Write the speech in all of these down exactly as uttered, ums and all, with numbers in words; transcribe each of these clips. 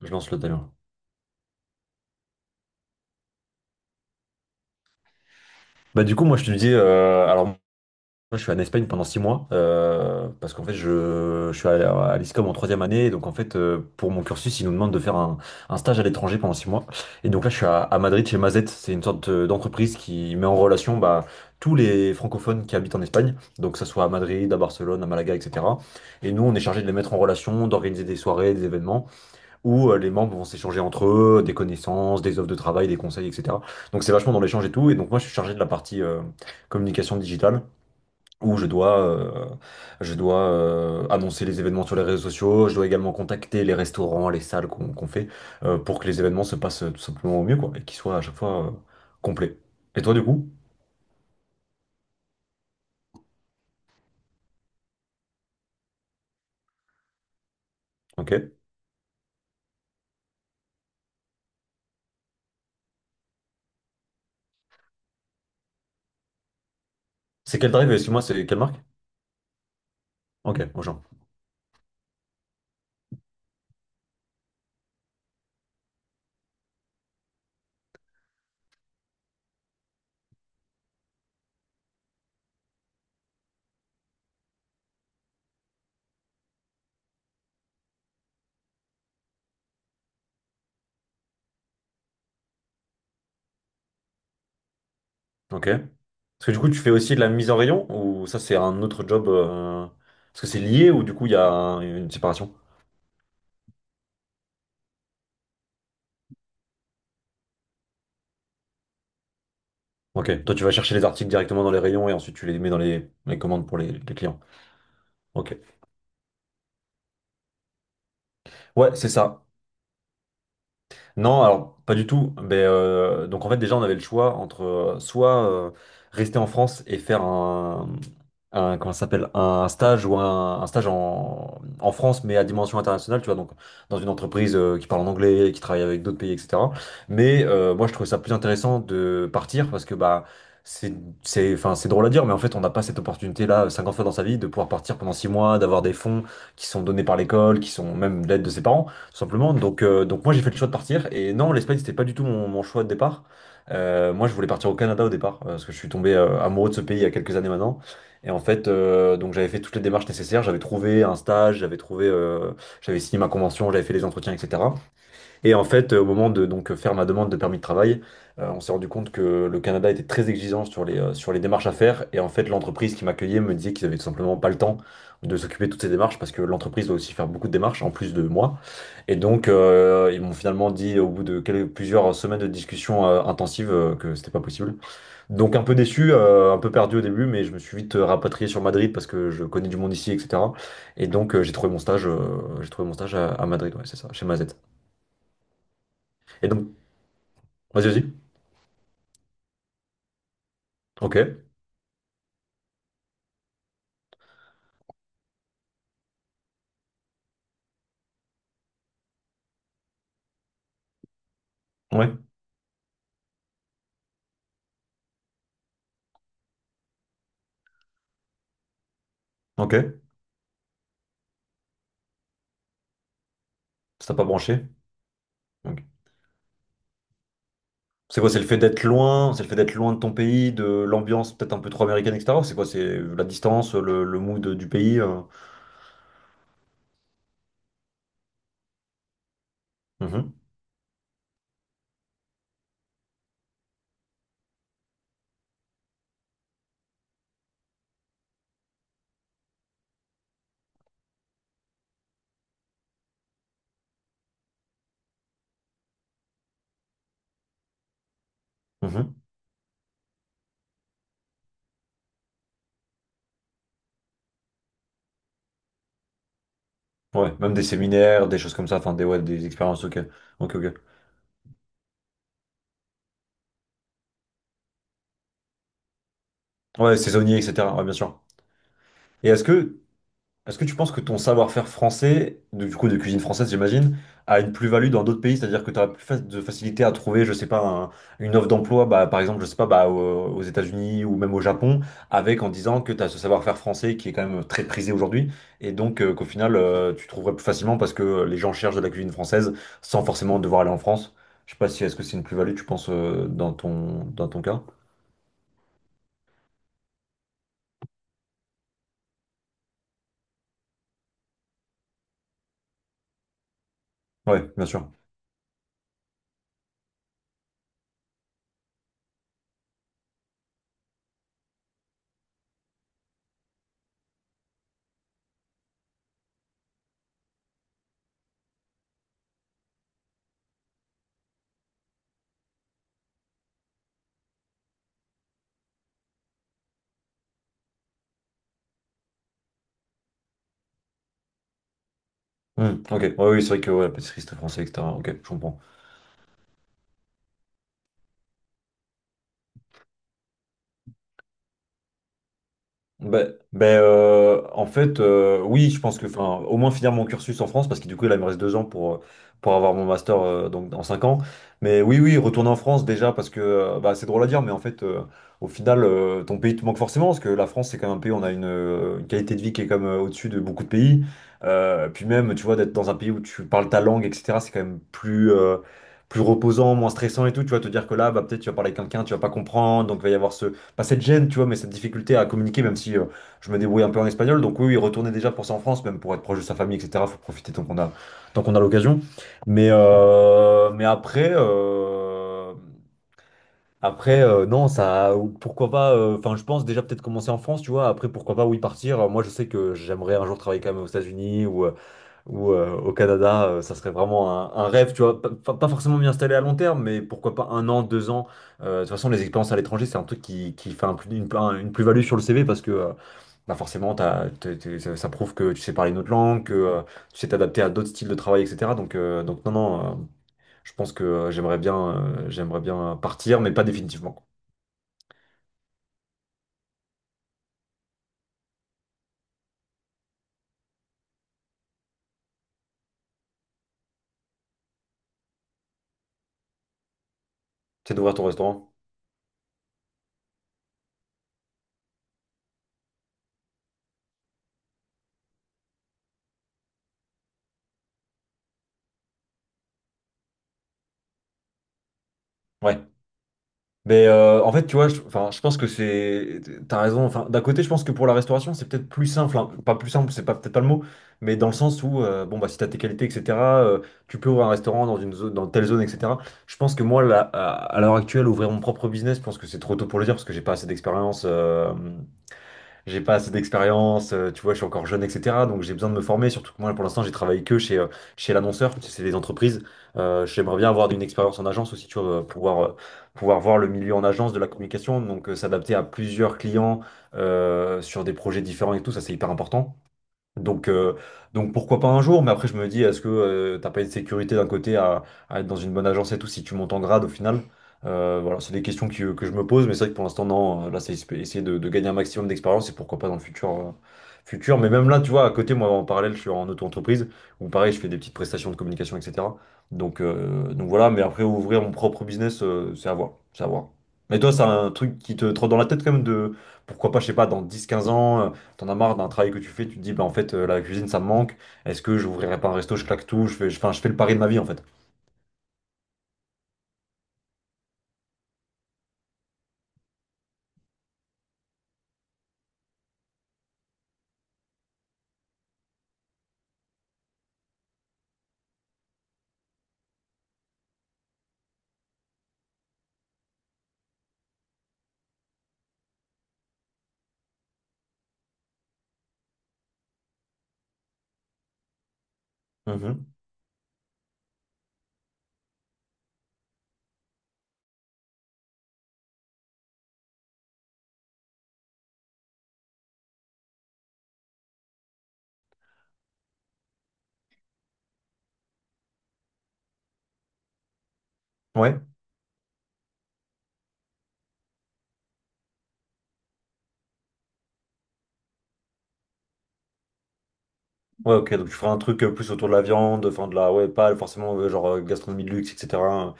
Je lance le timer. Bah du coup moi je te dis euh, alors moi je suis en Espagne pendant six mois euh, parce qu'en fait je, je suis à, à l'ISCOM en troisième année et donc en fait euh, pour mon cursus ils nous demandent de faire un, un stage à l'étranger pendant six mois et donc là je suis à, à Madrid chez Mazet. C'est une sorte de- d'entreprise qui met en relation bah, tous les francophones qui habitent en Espagne, donc que ça soit à Madrid, à Barcelone, à Malaga, etc. Et nous on est chargé de les mettre en relation, d'organiser des soirées, des événements où euh, les membres vont s'échanger entre eux des connaissances, des offres de travail, des conseils, et cetera. Donc c'est vachement dans l'échange et tout. Et donc moi je suis chargé de la partie euh, communication digitale où je dois, euh, je dois euh, annoncer les événements sur les réseaux sociaux. Je dois également contacter les restaurants, les salles qu'on qu'on fait euh, pour que les événements se passent euh, tout simplement au mieux quoi, et qu'ils soient à chaque fois euh, complets. Et toi du coup? Ok. C'est quel drive? Excuse-moi, c'est quelle marque? Ok, Auchan. Ok. Parce que du coup, tu fais aussi de la mise en rayon ou ça, c'est un autre job euh, parce que c'est lié ou du coup, il y a un- une séparation? Ok. Toi, tu vas chercher les articles directement dans les rayons et ensuite tu les mets dans les, les commandes pour les, les clients. Ok. Ouais, c'est ça. Non, alors pas du tout. Mais, euh, donc en fait déjà on avait le choix entre euh, soit euh, rester en France et faire un, un comment ça s'appelle, un stage ou un, un stage en, en France mais à dimension internationale, tu vois, donc dans une entreprise euh, qui parle en anglais, qui travaille avec d'autres pays, et cetera. Mais euh, moi je trouvais ça plus intéressant de partir, parce que bah c'est c'est enfin c'est drôle à dire, mais en fait on n'a pas cette opportunité là cinquante fois dans sa vie, de pouvoir partir pendant six mois, d'avoir des fonds qui sont donnés par l'école, qui sont même de l'aide de ses parents. Tout simplement. Donc, euh, donc moi, j'ai fait le choix de partir. Et non, l'Espagne, c'était pas du tout mon, mon choix de départ. Euh, moi, je voulais partir au Canada au départ, euh, parce que je suis tombé euh, amoureux de ce pays il y a quelques années maintenant. Et en fait, euh, donc j'avais fait toutes les démarches nécessaires. J'avais trouvé un stage, j'avais trouvé, euh, j'avais signé ma convention, j'avais fait les entretiens, et cetera. Et en fait, euh, au moment de donc faire ma demande de permis de travail, euh, on s'est rendu compte que le Canada était très exigeant sur les, euh, sur les démarches à faire. Et en fait, l'entreprise qui m'accueillait me disait qu'ils avaient tout simplement pas le temps de s'occuper de toutes ces démarches, parce que l'entreprise doit aussi faire beaucoup de démarches en plus de moi. Et donc, euh, ils m'ont finalement dit au bout de quelques- plusieurs semaines de discussions euh, intensives euh, que c'était pas possible. Donc, un peu déçu, euh, un peu perdu au début, mais je me suis vite euh, rapatrié sur Madrid parce que je connais du monde ici, et cetera. Et donc, euh, j'ai trouvé mon stage, euh, j'ai trouvé mon stage à, à Madrid, ouais, c'est ça, chez Mazet. Et donc, vas-y, vas-y. Ok, ouais, ok. Ça t'a pas branché. Ok. C'est quoi, c'est le fait d'être loin, c'est le fait d'être loin de ton pays, de l'ambiance peut-être un peu trop américaine, et cetera? Ou c'est quoi, c'est la distance, le, le mood du pays? Euh, mhm, mhm. Ouais, même des séminaires, des choses comme ça, enfin des, ouais, des expériences, ok. Ok, ok. Ouais, saisonnier, et cetera. Ouais, bien sûr. Et est-ce que Est-ce que tu penses que ton savoir-faire français, de- du coup de cuisine française, j'imagine, a une plus-value dans d'autres pays? C'est-à-dire que tu as plus fa- de facilité à trouver, je sais pas, un- une offre d'emploi, bah, par exemple, je sais pas, bah, aux, aux États-Unis ou même au Japon, avec en disant que tu as ce savoir-faire français qui est quand même très prisé aujourd'hui, et donc euh, qu'au final, euh, tu trouverais plus facilement parce que les gens cherchent de la cuisine française sans forcément devoir aller en France. Je sais pas si est-ce que c'est une plus-value, tu penses, euh, dans ton, dans ton cas? Ouais, bien sûr. Hmm, ok, ouais, oui, c'est vrai que ouais, pâtisserie, c'était français, et cetera. Ok, je comprends. Ben, ben, euh, en fait, euh, oui, je pense que, enfin, au moins finir mon cursus en France, parce que du coup, là, il me reste deux ans pour, euh, pour avoir mon master euh, donc, dans cinq ans. Mais oui, oui, retourner en France déjà, parce que euh, bah, c'est drôle à dire, mais en fait, euh, au final, euh, ton pays te manque forcément, parce que la France, c'est quand même un pays où on a une, euh, une qualité de vie qui est comme euh, au-dessus de beaucoup de pays. Euh, puis même, tu vois, d'être dans un pays où tu parles ta langue, et cetera, c'est quand même plus euh, plus reposant, moins stressant et tout. Tu vas te dire que là, bah, peut-être tu vas parler avec quelqu'un, tu vas pas comprendre, donc il va y avoir ce, pas cette gêne, tu vois, mais cette difficulté à communiquer, même si euh, je me débrouille un peu en espagnol. Donc oui, oui, retourner déjà pour ça en France, même pour être proche de sa famille, et cetera. Faut profiter tant qu'on a, tant qu'on a l'occasion. Mais, euh, mais après, euh, après euh, non, ça, pourquoi pas. euh, Enfin, je pense déjà peut-être commencer en France, tu vois. Après, pourquoi pas, oui, partir. Moi, je sais que j'aimerais un jour travailler quand même aux États-Unis ou euh, ou euh, au Canada, euh, ça serait vraiment un, un rêve, tu vois, pas, pas- pas forcément m'y installer à long terme, mais pourquoi pas un an, deux ans. Euh, de toute façon, les expériences à l'étranger, c'est un truc qui, qui fait un plus- une, un- une plus-value sur le c v parce que euh, bah forcément, t'as- t'es- t'es- ça ça prouve que tu sais parler une autre langue, que euh, tu sais t'adapter à d'autres styles de travail, et cetera. Donc, euh, donc non, non, euh, je pense que euh, j'aimerais bien, euh, j'aimerais bien partir, mais pas définitivement. C'est d'ouvrir ton restaurant. Ouais. Mais euh, en fait, tu vois, je, enfin, je pense que c'est, t'as raison. Enfin, d'un côté, je pense que pour la restauration, c'est peut-être plus simple, hein. Pas plus simple, c'est pas peut-être pas le mot, mais dans le sens où, euh, bon bah, si t'as tes qualités, et cetera, euh, tu peux ouvrir un restaurant dans une zone, dans telle zone, et cetera. Je pense que moi, là, à, à l'heure actuelle, ouvrir mon propre business, je pense que c'est trop tôt pour le dire parce que j'ai pas assez d'expérience. Euh, j'ai pas assez d'expérience, euh, tu vois, je suis encore jeune, et cetera. Donc j'ai besoin de me former, surtout que moi pour l'instant j'ai travaillé que chez, euh, chez l'annonceur, tu sais, c'est des entreprises. Euh, j'aimerais bien avoir une expérience en agence aussi, tu vois, euh, pouvoir, euh, pouvoir voir le milieu en agence de la communication, donc euh, s'adapter à plusieurs clients euh, sur des projets différents et tout, ça c'est hyper important. Donc, euh, donc pourquoi pas un jour, mais après je me dis, est-ce que euh, t'as pas une sécurité d'un côté à, à être dans une bonne agence et tout si tu montes en grade au final? Euh, voilà, c'est des questions qui- euh, que je me pose, mais c'est vrai que pour l'instant, non, euh, là c'est esp- essayer de, de gagner un maximum d'expérience et pourquoi pas dans le futur, euh, futur. Mais même là, tu vois, à côté, moi en parallèle, je suis en auto-entreprise où pareil, je fais des petites prestations de communication, et cetera. Donc, euh, donc voilà, mais après ouvrir mon propre business, euh, c'est à voir, c'est à voir. Mais toi, c'est un truc qui te trotte dans la tête quand même de pourquoi pas, je sais pas, dans dix, quinze ans. T'en as marre d'un travail que tu fais, tu te dis, bah en fait, euh, la cuisine, ça me manque. Est-ce que j'ouvrirai pas un resto, je claque tout, je fais, je, enfin, je fais le pari de ma vie, en fait. Mhm. Ouais, ouais, ok, donc tu feras un truc euh, plus autour de la viande, enfin, de la, ouais, pas forcément, euh, genre, euh, gastronomie de luxe, et cetera.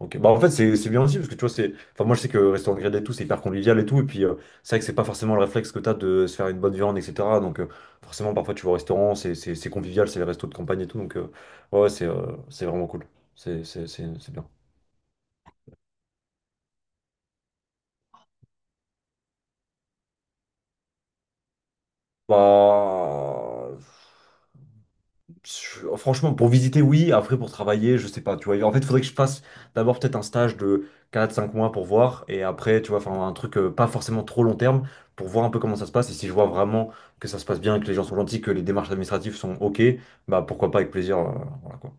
Ok, bah en fait, c'est c'est bien aussi, parce que tu vois, c'est, enfin, moi, je sais que restaurant grillé et tout, c'est hyper convivial et tout, et puis, euh, c'est vrai que c'est pas forcément le réflexe que t'as de se faire une bonne viande, et cetera. Donc, euh, forcément, parfois, tu vas au restaurant, c'est c'est- c'est convivial, c'est les restos de campagne et tout, donc, euh, ouais, ouais, c'est euh, c'est vraiment cool. C'est c'est- c'est- c'est bien. Bah. Je- Franchement, pour visiter, oui. Après, pour travailler, je sais pas. Tu vois, en fait, il faudrait que je fasse d'abord peut-être un stage de quatre, cinq mois pour voir. Et après, tu vois, enfin, un truc euh, pas forcément trop long terme, pour voir un peu comment ça se passe. Et si je vois vraiment que ça se passe bien, que les gens sont gentils, que les démarches administratives sont OK, bah pourquoi pas avec plaisir. Euh, voilà, quoi.